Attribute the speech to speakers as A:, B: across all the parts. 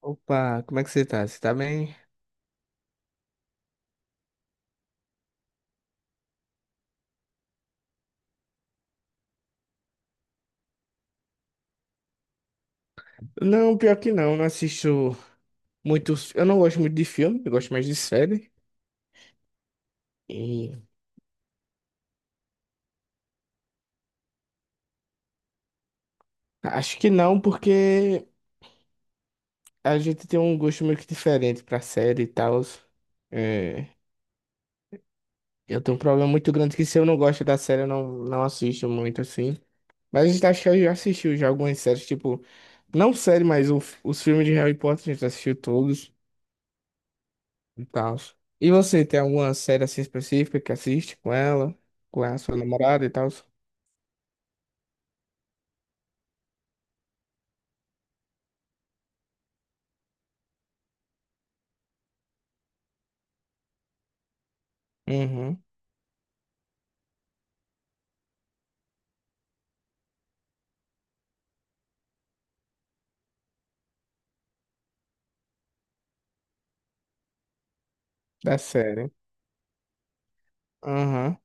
A: Opa, como é que você tá? Você tá bem? Não, pior que não assisto muitos. Eu não gosto muito de filme, eu gosto mais de série. E acho que não, porque a gente tem um gosto meio que diferente pra série e tal. É, eu tenho um problema muito grande que se eu não gosto da série, eu não assisto muito assim. Mas a gente acho que eu já assistiu já algumas séries, tipo, não série, mas os filmes de Harry Potter a gente assistiu todos. E tal. E você tem alguma série assim específica que assiste com ela, com a sua namorada e tal? Uhum, da série. Aham,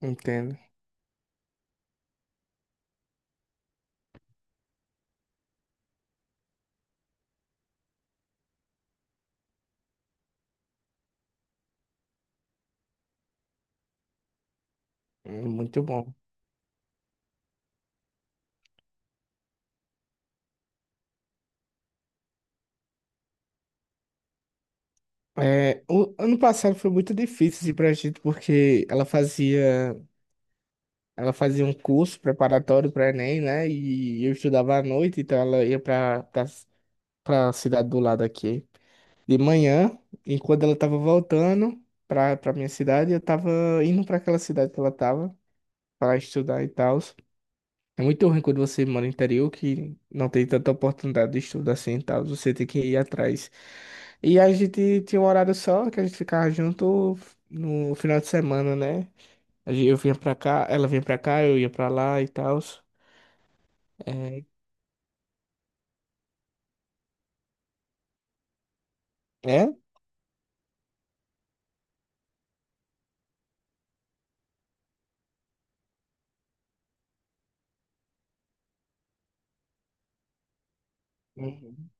A: entendo. Muito bom. É, o ano passado foi muito difícil assim, pra gente, porque ela fazia um curso preparatório para Enem, né? E eu estudava à noite, então ela ia pra cidade do lado aqui de manhã, e quando ela tava voltando pra minha cidade, eu tava indo pra aquela cidade que ela tava. Para estudar e tal. É muito ruim quando você mora no interior que não tem tanta oportunidade de estudo assim e tal. Você tem que ir atrás. E a gente tinha um horário só que a gente ficava junto no final de semana, né? Eu vinha pra cá, ela vinha pra cá, eu ia pra lá e tal. É. É? Uhum.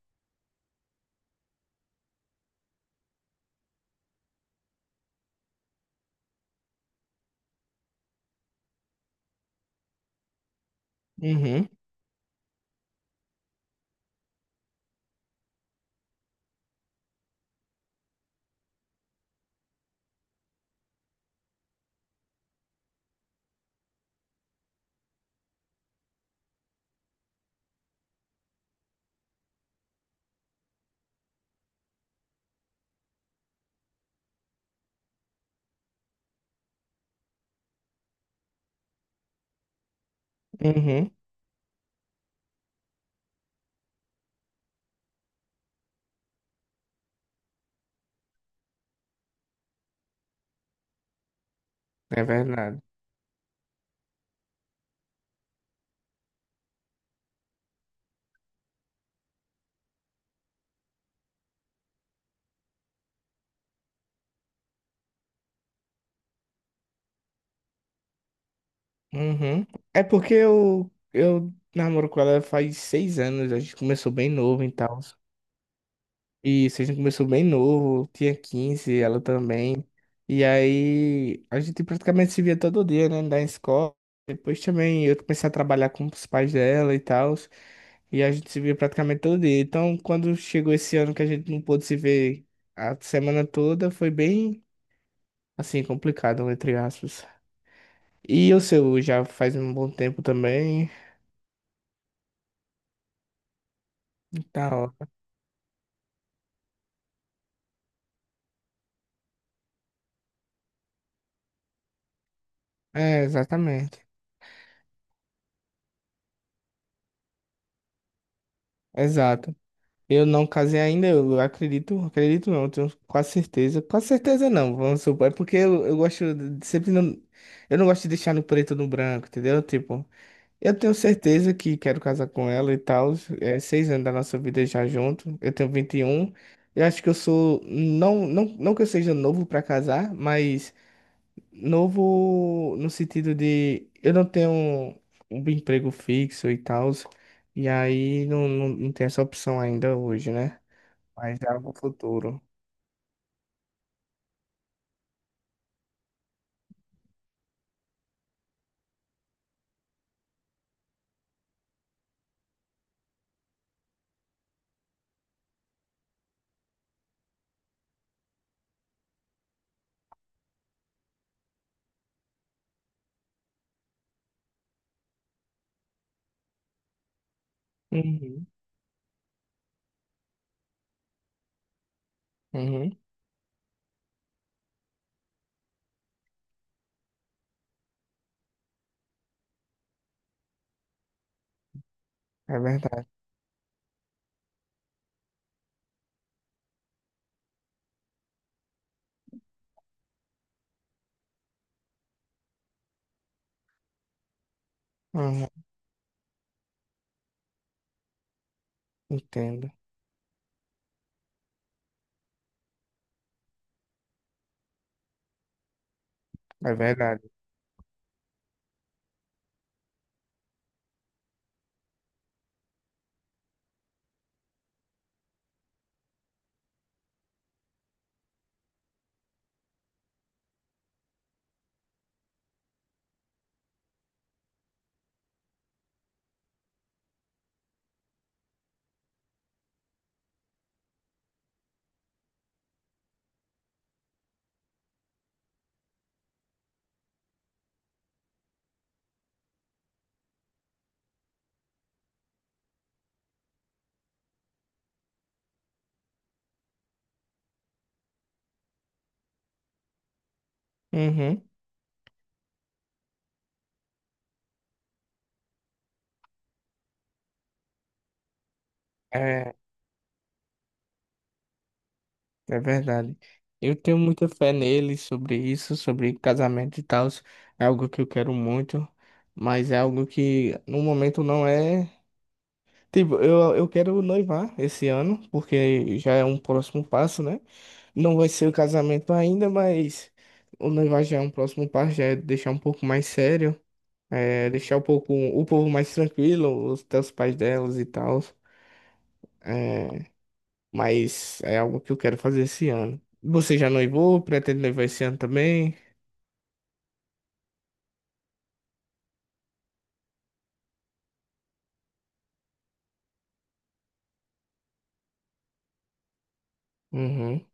A: Uhum. Uhum. É verdade. Uhum. É porque eu namoro com ela faz 6 anos, a gente começou bem novo e tal. Isso, a gente começou bem novo, tinha 15 ela também. E aí a gente praticamente se via todo dia, né, da escola. Depois também eu comecei a trabalhar com os pais dela e tal. E a gente se via praticamente todo dia. Então, quando chegou esse ano que a gente não pôde se ver a semana toda, foi bem, assim, complicado, entre aspas. E o seu já faz um bom tempo também. Tá, ó. É, exatamente. Exato. Eu não casei ainda, eu acredito, acredito não, tenho quase certeza. Quase certeza não, vamos supor. É porque eu gosto de sempre não. Eu não gosto de deixar no preto ou no branco, entendeu? Tipo, eu tenho certeza que quero casar com ela e tal. É 6 anos da nossa vida já junto. Eu tenho 21. Eu acho que eu sou. Não, não, não que eu seja novo pra casar, mas novo no sentido de eu não tenho um emprego fixo e tal. E aí não tem essa opção ainda hoje, né? Mas já é pro futuro. Uhum. Uhum. É verdade. Uhum. Entendo. É verdade. Uhum. É, é, verdade. Eu tenho muita fé nele sobre isso, sobre casamento e tal. É algo que eu quero muito, mas é algo que no momento não é. Tipo, eu quero noivar esse ano, porque já é um próximo passo, né? Não vai ser o casamento ainda, mas o noivar já é um próximo passo, já é deixar um pouco mais sério. É, deixar um pouco o povo mais tranquilo, até os pais delas e tal. É, mas é algo que eu quero fazer esse ano. Você já noivou? Pretende noivar esse ano também? Uhum.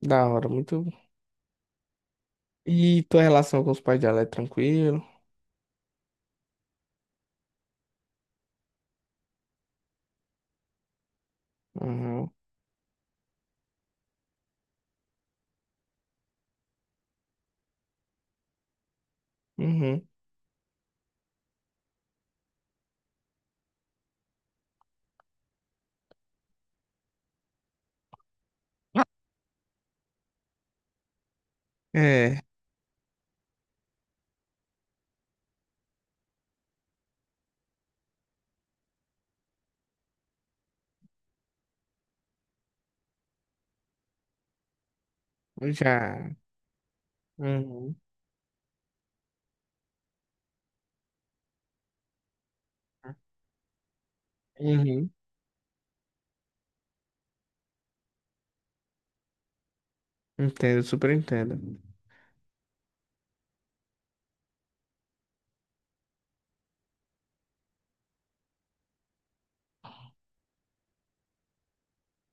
A: Da hora, muito. E tua relação com os pais dela é tranquilo? Uhum. Uhum. É, eu já. Uhum. Uhum. Entendo, super entendo.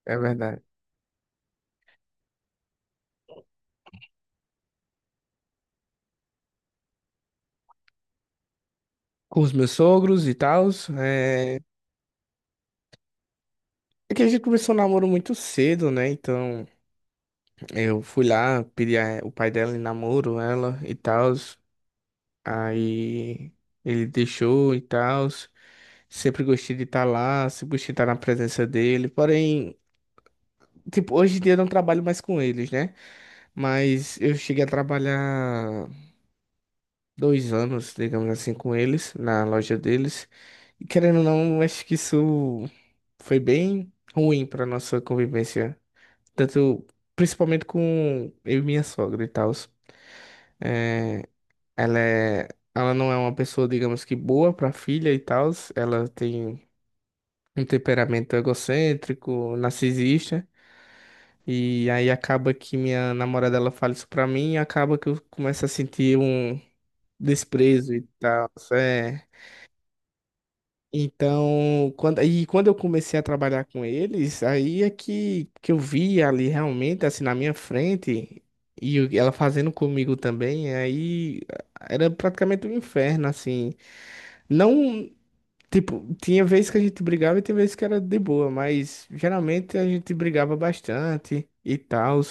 A: É verdade. Com os meus sogros e tal, é... É que a gente começou o namoro muito cedo, né? Então. Eu fui lá, pedi o pai dela em namoro, ela e tal. Aí ele deixou e tal. Sempre gostei de estar lá, sempre gostei de estar na presença dele. Porém, tipo, hoje em dia eu não trabalho mais com eles, né? Mas eu cheguei a trabalhar 2 anos, digamos assim, com eles, na loja deles. E querendo ou não, acho que isso foi bem ruim para nossa convivência. Tanto, principalmente com eu e minha sogra e tal. É, ela é, ela não é uma pessoa, digamos que boa para filha e tal. Ela tem um temperamento egocêntrico, narcisista. E aí acaba que minha namorada ela fala isso pra mim e acaba que eu começo a sentir um desprezo e tal. É. Então, quando eu comecei a trabalhar com eles, aí é que eu vi ali realmente, assim, na minha frente, e ela fazendo comigo também, aí era praticamente um inferno, assim. Não, tipo, tinha vezes que a gente brigava e tinha vezes que era de boa, mas geralmente a gente brigava bastante e tal.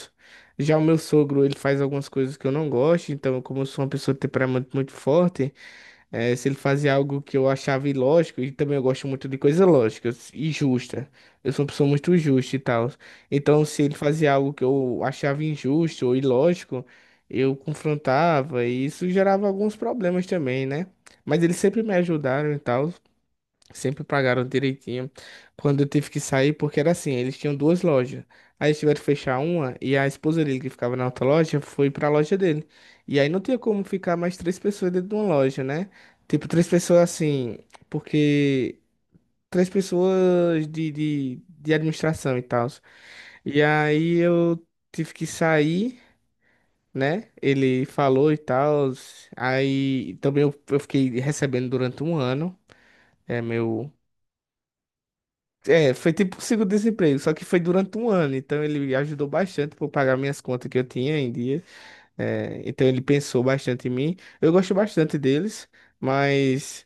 A: Já o meu sogro, ele faz algumas coisas que eu não gosto, então, como eu sou uma pessoa de temperamento muito forte. É, se ele fazia algo que eu achava ilógico, e também eu gosto muito de coisa lógica e justa. Eu sou uma pessoa muito justa e tal. Então, se ele fazia algo que eu achava injusto ou ilógico, eu confrontava e isso gerava alguns problemas também, né? Mas eles sempre me ajudaram e tal. Sempre pagaram direitinho. Quando eu tive que sair, porque era assim, eles tinham duas lojas. Aí eles tiveram que fechar uma e a esposa dele, que ficava na outra loja, foi pra loja dele. E aí não tinha como ficar mais três pessoas dentro de uma loja, né? Tipo, três pessoas assim, porque três pessoas de administração e tal. E aí eu tive que sair, né? Ele falou e tal. Aí também eu fiquei recebendo durante um ano. É meu. É, foi tipo seguro-desemprego, só que foi durante um ano, então ele ajudou bastante para pagar minhas contas que eu tinha em dia. É, então ele pensou bastante em mim. Eu gosto bastante deles, mas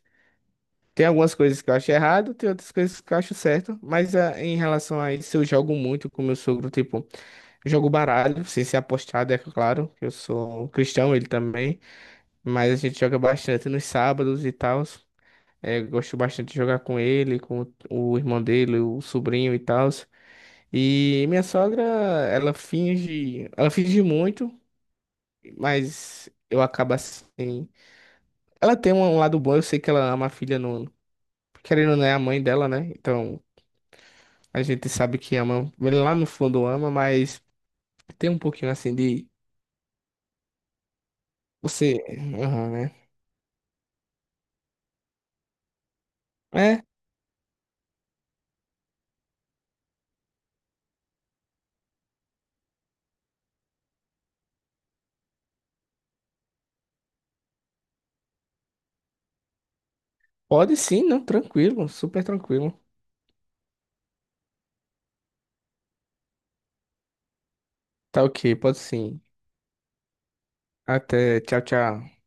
A: tem algumas coisas que eu acho errado, tem outras coisas que eu acho certo. Mas ah, em relação a isso, eu jogo muito com meu sogro, tipo, jogo baralho, sem ser apostado, é claro, que eu sou cristão, ele também, mas a gente joga bastante nos sábados e tal. Gosto bastante de jogar com ele, com o irmão dele, o sobrinho e tal. E minha sogra, ela finge muito, mas eu acabo assim. Ela tem um lado bom, eu sei que ela ama a filha não, querendo ou não é a mãe dela, né? Então, a gente sabe que ama, lá no fundo ama, mas tem um pouquinho assim de você, aham, né? É, pode sim, não, tranquilo, super tranquilo. Tá, OK, pode sim. Até, tchau, tchau.